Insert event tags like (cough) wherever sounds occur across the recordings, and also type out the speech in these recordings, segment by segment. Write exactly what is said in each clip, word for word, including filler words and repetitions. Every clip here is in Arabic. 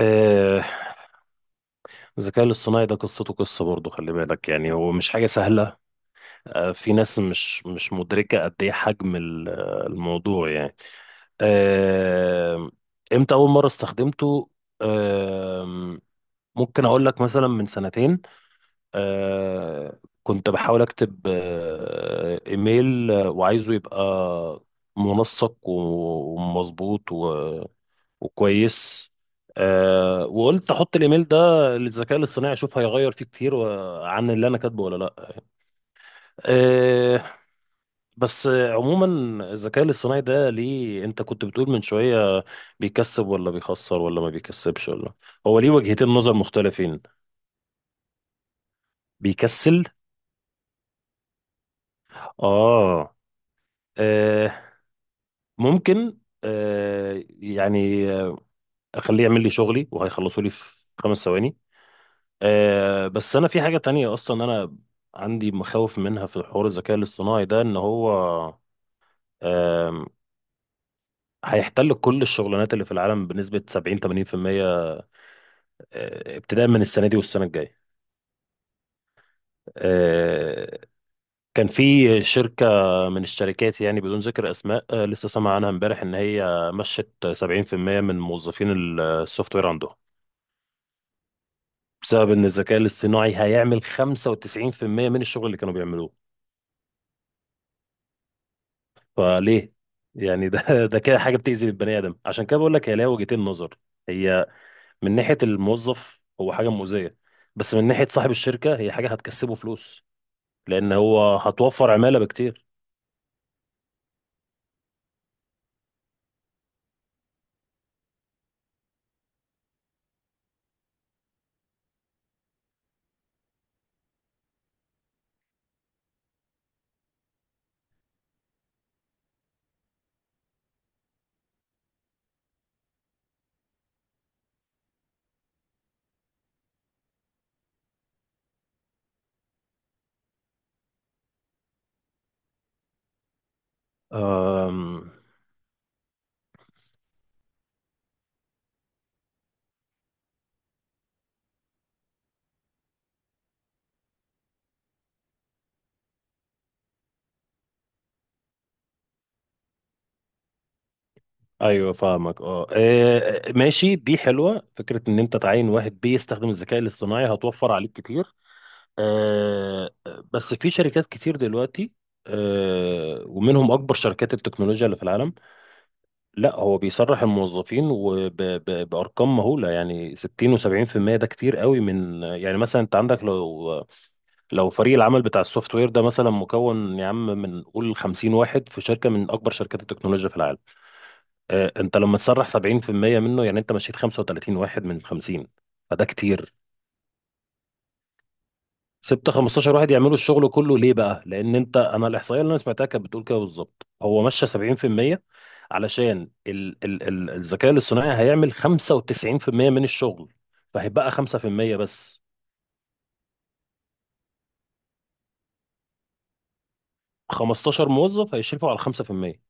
آه، الذكاء الاصطناعي ده قصته قصة برضه، خلي بالك، يعني هو مش حاجة سهلة. آه، في ناس مش مش مدركة قد ايه حجم ال- الموضوع يعني. آه، امتى أول مرة استخدمته؟ آه، ممكن أقول لك مثلا من سنتين. آه، كنت بحاول أكتب آه، إيميل، آه، وعايزه يبقى منسق و- ومظبوط وكويس. آه وقلت احط الايميل ده للذكاء الاصطناعي، اشوف هيغير فيه كتير و- عن اللي انا كاتبه ولا لا. آه بس عموما، الذكاء الاصطناعي ده، ليه انت كنت بتقول من شوية بيكسب ولا بيخسر ولا ما بيكسبش ولا؟ هو ليه وجهتين نظر مختلفين. بيكسل. اه، آه ممكن، آه يعني اخليه يعمل لي شغلي وهيخلصه لي في خمس ثواني. آه بس انا في حاجة تانية، اصلا انا عندي مخاوف منها في حوار الذكاء الاصطناعي ده، ان هو آم، هيحتل كل الشغلانات اللي في العالم بنسبة سبعين ثمانين في المية، آه، ابتداء من السنة دي والسنة الجاية. آه، كان في شركة من الشركات، يعني بدون ذكر اسماء، آه، لسه سامع عنها امبارح ان هي مشت سبعين في المية من موظفين السوفت وير عندهم، بسبب ان الذكاء الاصطناعي هيعمل خمسة وتسعين في المية من الشغل اللي كانوا بيعملوه. فليه يعني؟ ده (laughs) ده كده حاجه بتأذي البني ادم، عشان كده بقول لك هي ليها وجهتين نظر. هي من ناحيه الموظف هو حاجه مؤذيه، بس من ناحيه صاحب الشركه هي حاجه هتكسبه فلوس، لان هو هتوفر عماله بكتير. أم... ايوه، فاهمك. اه، إيه، ماشي، دي حلوه فكره ان انت تعين واحد بيستخدم الذكاء الاصطناعي، هتوفر عليك كتير. أه... بس في شركات كتير دلوقتي، أه... ومنهم اكبر شركات التكنولوجيا اللي في العالم، لا هو بيسرح الموظفين وبأرقام مهولة، يعني ستين و70%. ده كتير قوي، من يعني مثلا انت عندك، لو لو فريق العمل بتاع السوفت وير ده مثلا مكون، يا عم، من قول خمسين واحد في شركة من أكبر شركات التكنولوجيا في العالم، آه، انت لما تسرح سبعين في المية منه، يعني انت مشيت خمسة وتلاتين واحد من خمسين. فده كتير. سبت خمستاشر واحد يعملوا الشغل كله، ليه بقى؟ لأن أنت، أنا الإحصائية اللي أنا سمعتها كانت بتقول كده بالظبط، هو مشى سبعين في المية علشان ال ال ال الذكاء الاصطناعي هيعمل خمسة وتسعين في المية من الشغل، فهيبقى خمسة في المية. بس خمستاشر موظف هيشرفوا على خمسة في المية.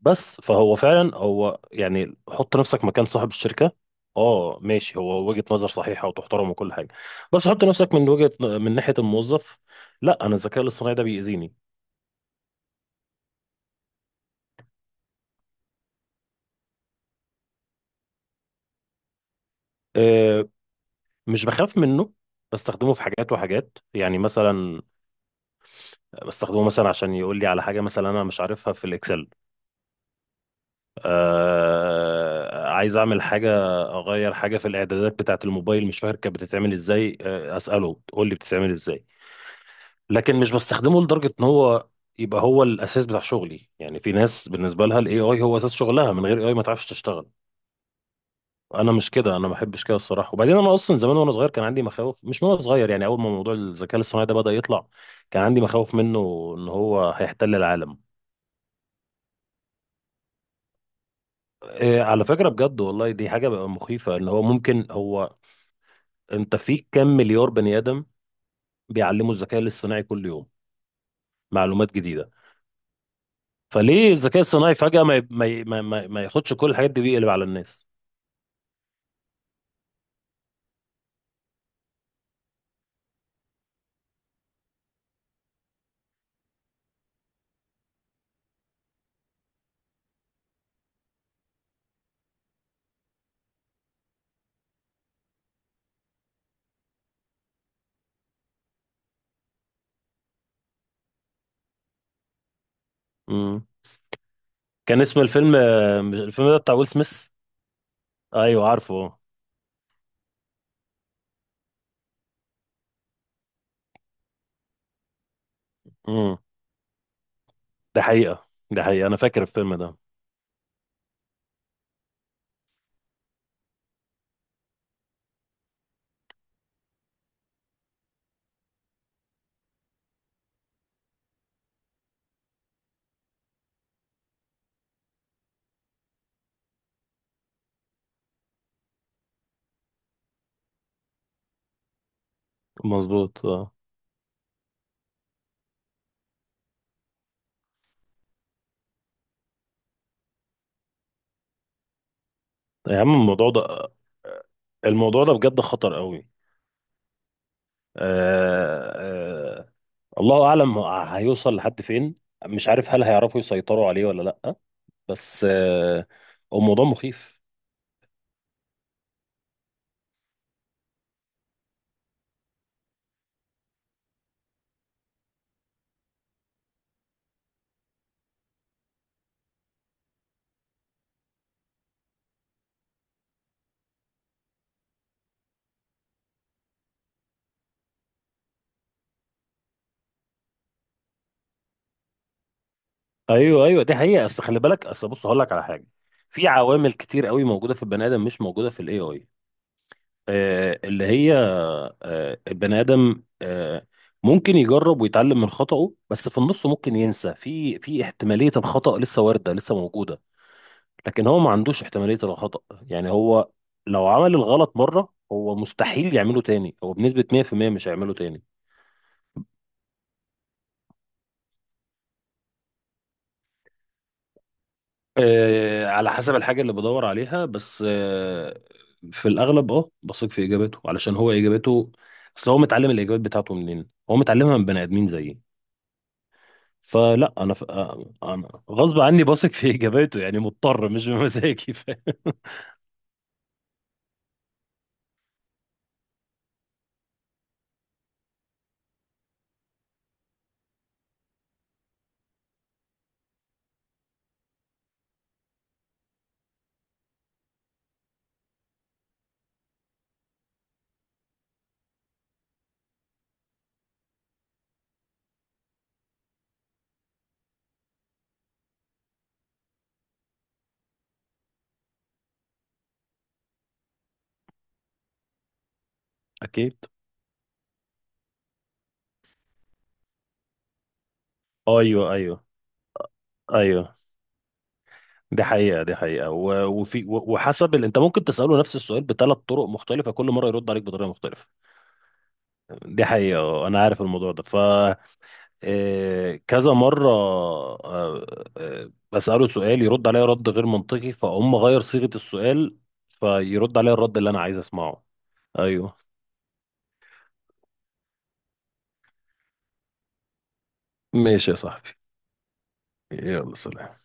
بس فهو فعلا هو، يعني حط نفسك مكان صاحب الشركة. اه، ماشي، هو وجهة نظر صحيحة وتحترم وكل حاجة، بس حط نفسك من وجهة من ناحية الموظف. لا، أنا الذكاء الاصطناعي ده بيأذيني. آه، مش بخاف منه. بستخدمه في حاجات وحاجات يعني، مثلا بستخدمه مثلا عشان يقول لي على حاجة، مثلا أنا مش عارفها في الإكسل. آه عايز أعمل حاجة، أغير حاجة في الإعدادات بتاعة الموبايل، مش فاكر كانت بتتعمل إزاي، آه أسأله تقول لي بتتعمل إزاي. لكن مش بستخدمه لدرجة إن هو يبقى هو الأساس بتاع شغلي. يعني في ناس بالنسبة لها ال ايه آي هو أساس شغلها، من غير ايه آي ما تعرفش تشتغل. انا مش كده، انا ما بحبش كده الصراحه. وبعدين انا اصلا زمان وانا صغير كان عندي مخاوف، مش من وانا صغير، يعني اول ما موضوع الذكاء الاصطناعي ده بدا يطلع، كان عندي مخاوف منه ان هو هيحتل العالم. إيه، على فكره، بجد والله دي حاجه بقى مخيفه، ان هو ممكن هو، انت في كام مليار بني ادم بيعلموا الذكاء الاصطناعي كل يوم معلومات جديده. فليه الذكاء الصناعي فجاه ما ي- ما ي- ما, ما, ما ياخدش كل الحاجات دي ويقلب على الناس. امم كان اسم الفيلم، آه، الفيلم ده بتاع ويل سميث. ايوه، عارفه. امم ده حقيقه، ده حقيقه، انا فاكر الفيلم ده. مظبوط، اه. يا عم، الموضوع ده، الموضوع ده بجد خطر قوي. آه آه الله اعلم هيوصل لحد فين. مش عارف هل هيعرفوا يسيطروا عليه ولا لا. بس آه هو موضوع مخيف. ايوه، ايوه، دي حقيقه. اصل خلي بالك، اصل بص هقول لك على حاجه. في عوامل كتير قوي موجوده في البني ادم مش موجوده في الاي اي، اللي هي آه، البني ادم آه، ممكن يجرب ويتعلم من خطأه، بس في النص ممكن ينسى، في في احتمالية الخطأ لسه واردة لسه موجودة. لكن هو ما عندوش احتمالية الخطأ، يعني هو لو عمل الغلط مرة هو مستحيل يعمله تاني، هو بنسبة مية في المية مش هيعمله تاني. آه، على حسب الحاجة اللي بدور عليها، بس آه، في الأغلب اه بثق في إجاباته، علشان هو إجاباته، أصل هو متعلم الإجابات بتاعته منين؟ هو متعلمها من بني آدمين زيي. فلا انا ف... انا غصب عني بثق في اجاباته، يعني مضطر مش بمزاجي (laughs) فاهم؟ اكيد. ايوه، ايوه، ايوه، دي حقيقة، دي حقيقة، و... وفي و... وحسب ال... انت ممكن تسأله نفس السؤال بثلاث طرق مختلفة، كل مرة يرد عليك بطريقة مختلفة. دي حقيقة. آه، انا عارف الموضوع ده. ف آه، كذا مرة، آه، آه، بسأله سؤال يرد عليا رد غير منطقي، فاقوم غير صيغة السؤال فيرد عليا الرد اللي انا عايز اسمعه. ايوه. ماشي يا صاحبي. يلا، سلام.